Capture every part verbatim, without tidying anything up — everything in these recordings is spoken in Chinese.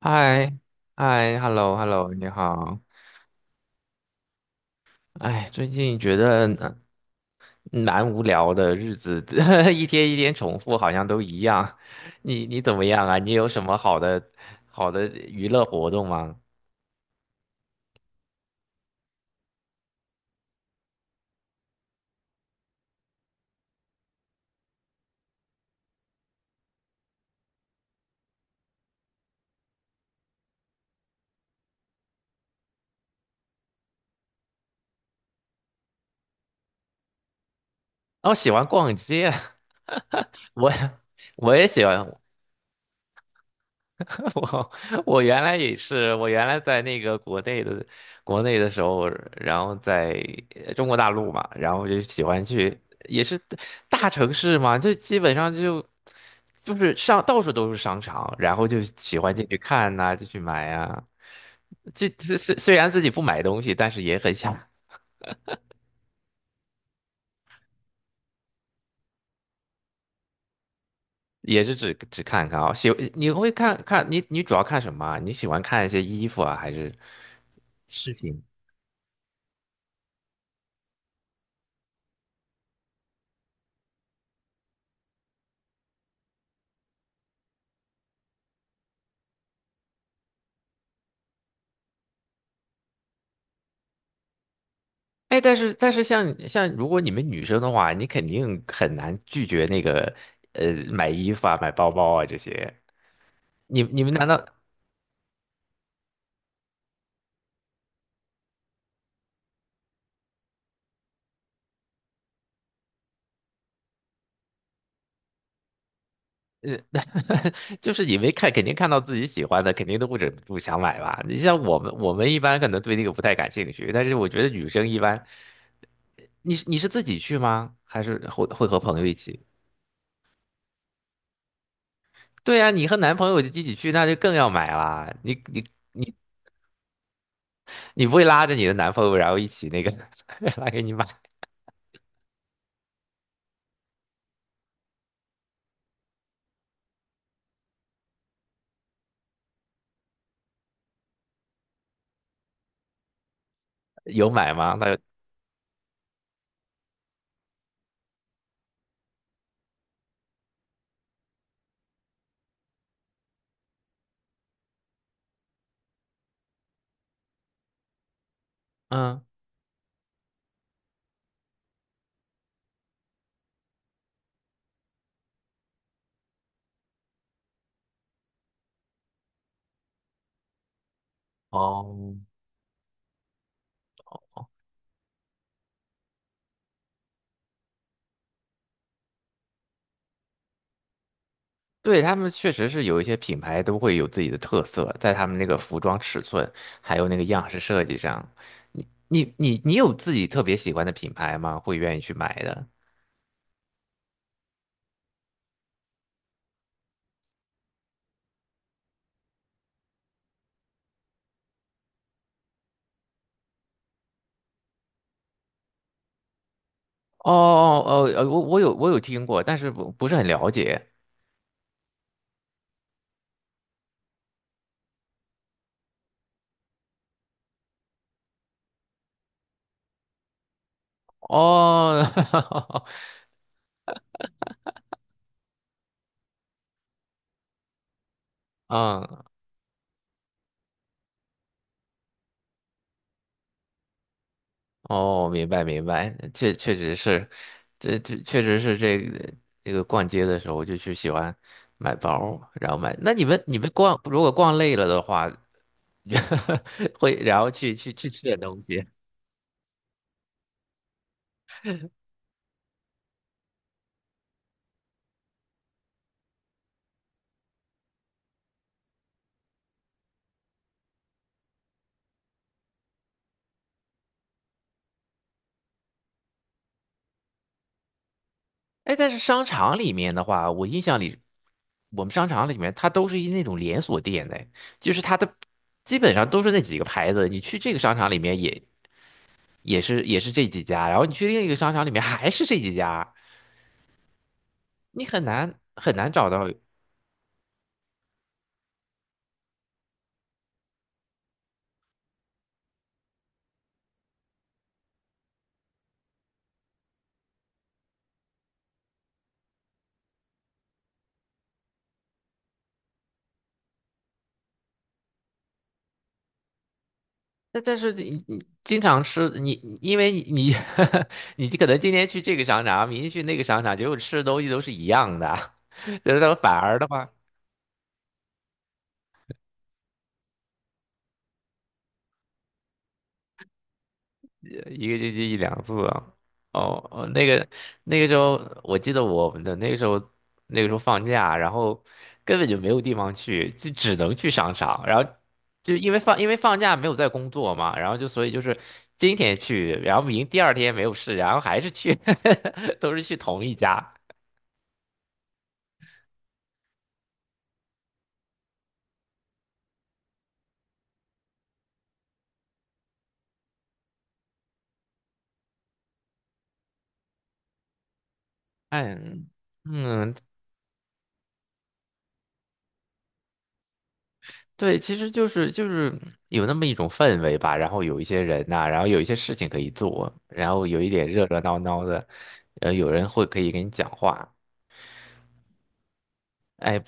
嗨，嗨，hello，hello，你好。哎，最近觉得呃蛮无聊的日子，一天一天重复，好像都一样。你你怎么样啊？你有什么好的好的娱乐活动吗？哦，喜欢逛街，我我也喜欢，我我原来也是，我原来在那个国内的国内的时候，然后在呃中国大陆嘛，然后就喜欢去，也是大城市嘛，就基本上就就是上到处都是商场，然后就喜欢进去看呐、就去买啊，就虽虽虽然自己不买东西，但是也很想，也是只只看看啊、喜你会看看你你主要看什么啊？你喜欢看一些衣服啊，还是？视频？哎，但是但是像像如果你们女生的话，你肯定很难拒绝那个呃买衣服啊、买包包啊这些。你你们难道 就是你没看，肯定看到自己喜欢的，肯定都不忍不住想买吧？你像我们我们一般可能对那个不太感兴趣，但是我觉得女生一般，你你是自己去吗？还是会会和朋友一起？对啊，你和男朋友一起去，那就更要买啦。你你你你不会拉着你的男朋友，然后一起那个 拉给你买，有买吗？他嗯。哦，对，他们确实是有一些品牌都会有自己的特色，在他们那个服装尺寸还有那个样式设计上。你你你你有自己特别喜欢的品牌吗？会愿意去买的？哦哦哦，呃我我有我有听过，但是不不是很了解。哦，嗯，哦，明白明白，确确实是，这这确实是这个这个逛街的时候就去喜欢买包，然后买。那你们你们逛如果逛累了的话，会，然后去去去吃点东西。哎，但是商场里面的话，我印象里，我们商场里面它都是一那种连锁店的，就是它的基本上都是那几个牌子。你去这个商场里面也也是也是这几家，然后你去另一个商场里面还是这几家，你很难很难找到。但但是你你经常吃你，你因为你 你可能今天去这个商场，明天去那个商场，结果吃的东西都是一样的，然后反而的话。一个星期一两次啊。哦哦，那个那个时候，我记得我们的那个时候，那个时候放假，然后根本就没有地方去，就只能去商场。然后就因为放因为放假没有在工作嘛，然后就所以就是今天去，然后明第二天没有事，然后还是去，都是去同一家。哎，嗯，对，其实就是就是有那么一种氛围吧，然后有一些人呐、然后有一些事情可以做，然后有一点热热闹闹的，呃，有人会可以跟你讲话，哎，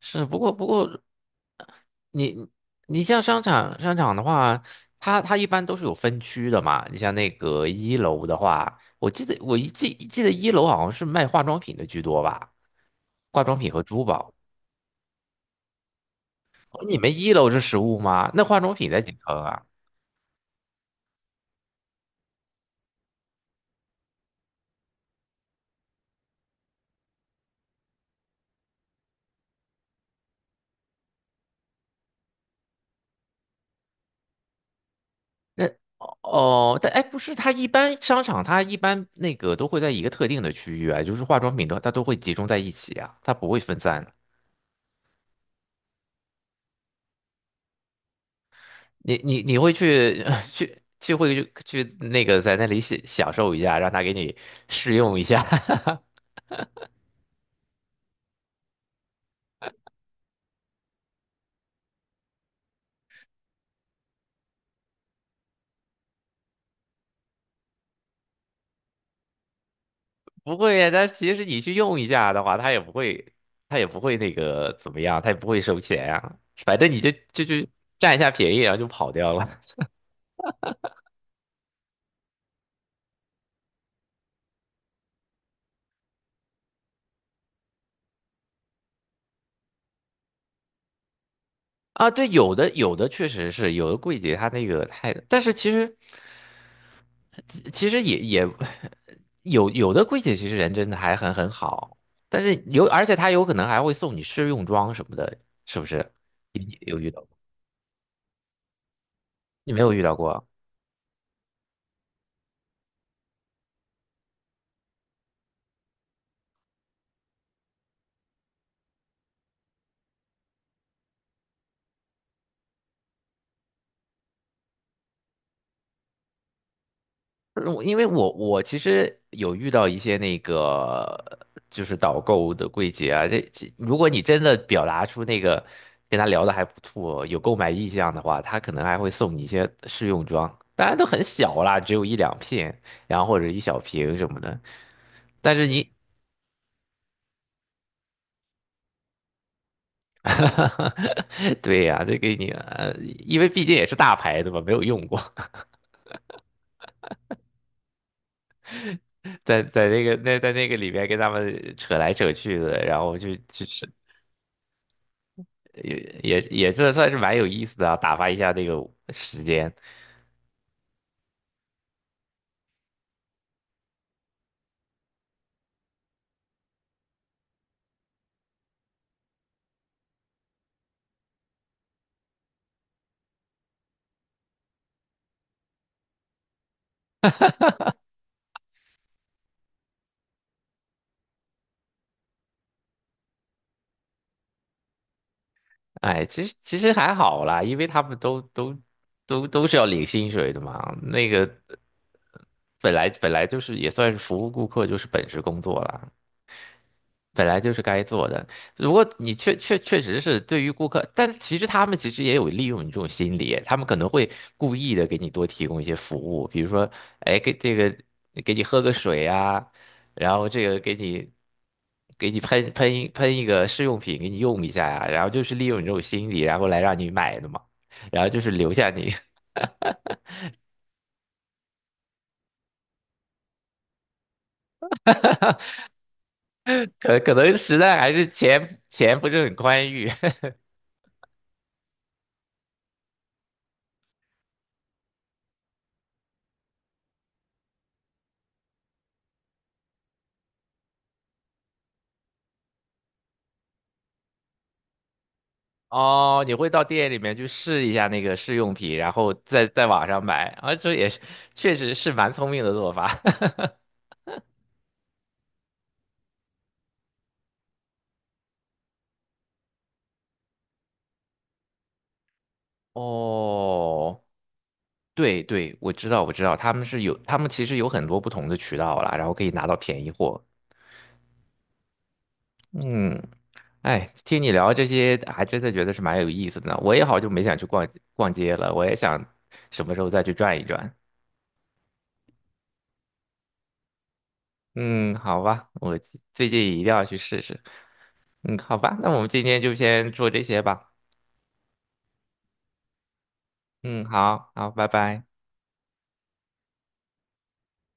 是，不过不过你你像商场商场的话，它它一般都是有分区的嘛，你像那个一楼的话，我记得我一记记得一楼好像是卖化妆品的居多吧，化妆品和珠宝，你们一楼是实物吗？那化妆品在几层啊？那哦，但哎，不是，它一般商场它一般那个都会在一个特定的区域啊，就是化妆品的它都会集中在一起啊，它不会分散。你你你会去 去去会去去那个在那里享享受一下，让他给你试用一下，不会啊，但其实你去用一下的话，他也不会他也不会那个怎么样，他也不会收钱啊，反正你就就就占一下便宜，然后就跑掉了。啊，对，有的有的确实是有的柜姐，她那个太，但是其实其实也也有有的柜姐其实人真的还很很好，但是有而且她有可能还会送你试用装什么的，是不是？你你有遇到过？你没有遇到过？我因为我我其实有遇到一些那个就是导购的柜姐啊，这这如果你真的表达出那个跟他聊的还不错，有购买意向的话，他可能还会送你一些试用装，当然都很小啦，只有一两片，然后或者一小瓶什么的。但是你 哈哈，对呀、这给你呃，因为毕竟也是大牌子嘛，没有用过，在在那个那在那个里面跟他们扯来扯去的，然后就就是也也也这算是蛮有意思的啊，打发一下那个时间。哎，其实其实还好啦，因为他们都都都都是要领薪水的嘛，那个本来本来就是也算是服务顾客，就是本职工作啦。本来就是该做的。如果你确确确实是对于顾客，但其实他们其实也有利用你这种心理，他们可能会故意的给你多提供一些服务，比如说，哎，给这个给你喝个水啊，然后这个给你给你喷喷一喷一个试用品给你用一下呀、然后就是利用你这种心理，然后来让你买的嘛，然后就是留下你，可可能实在还是钱钱不是很宽裕，哦，你会到店里面去试一下那个试用品，然后再在网上买啊，这也是确实是蛮聪明的做法。哦，对对，我知道我知道，他们是有，他们其实有很多不同的渠道啦，然后可以拿到便宜货。嗯，哎，听你聊这些，还真的觉得是蛮有意思的呢。我也好久没想去逛逛街了，我也想什么时候再去转一转。嗯，好吧，我最近一定要去试试。嗯，好吧，那我们今天就先做这些吧。嗯，好好，拜拜。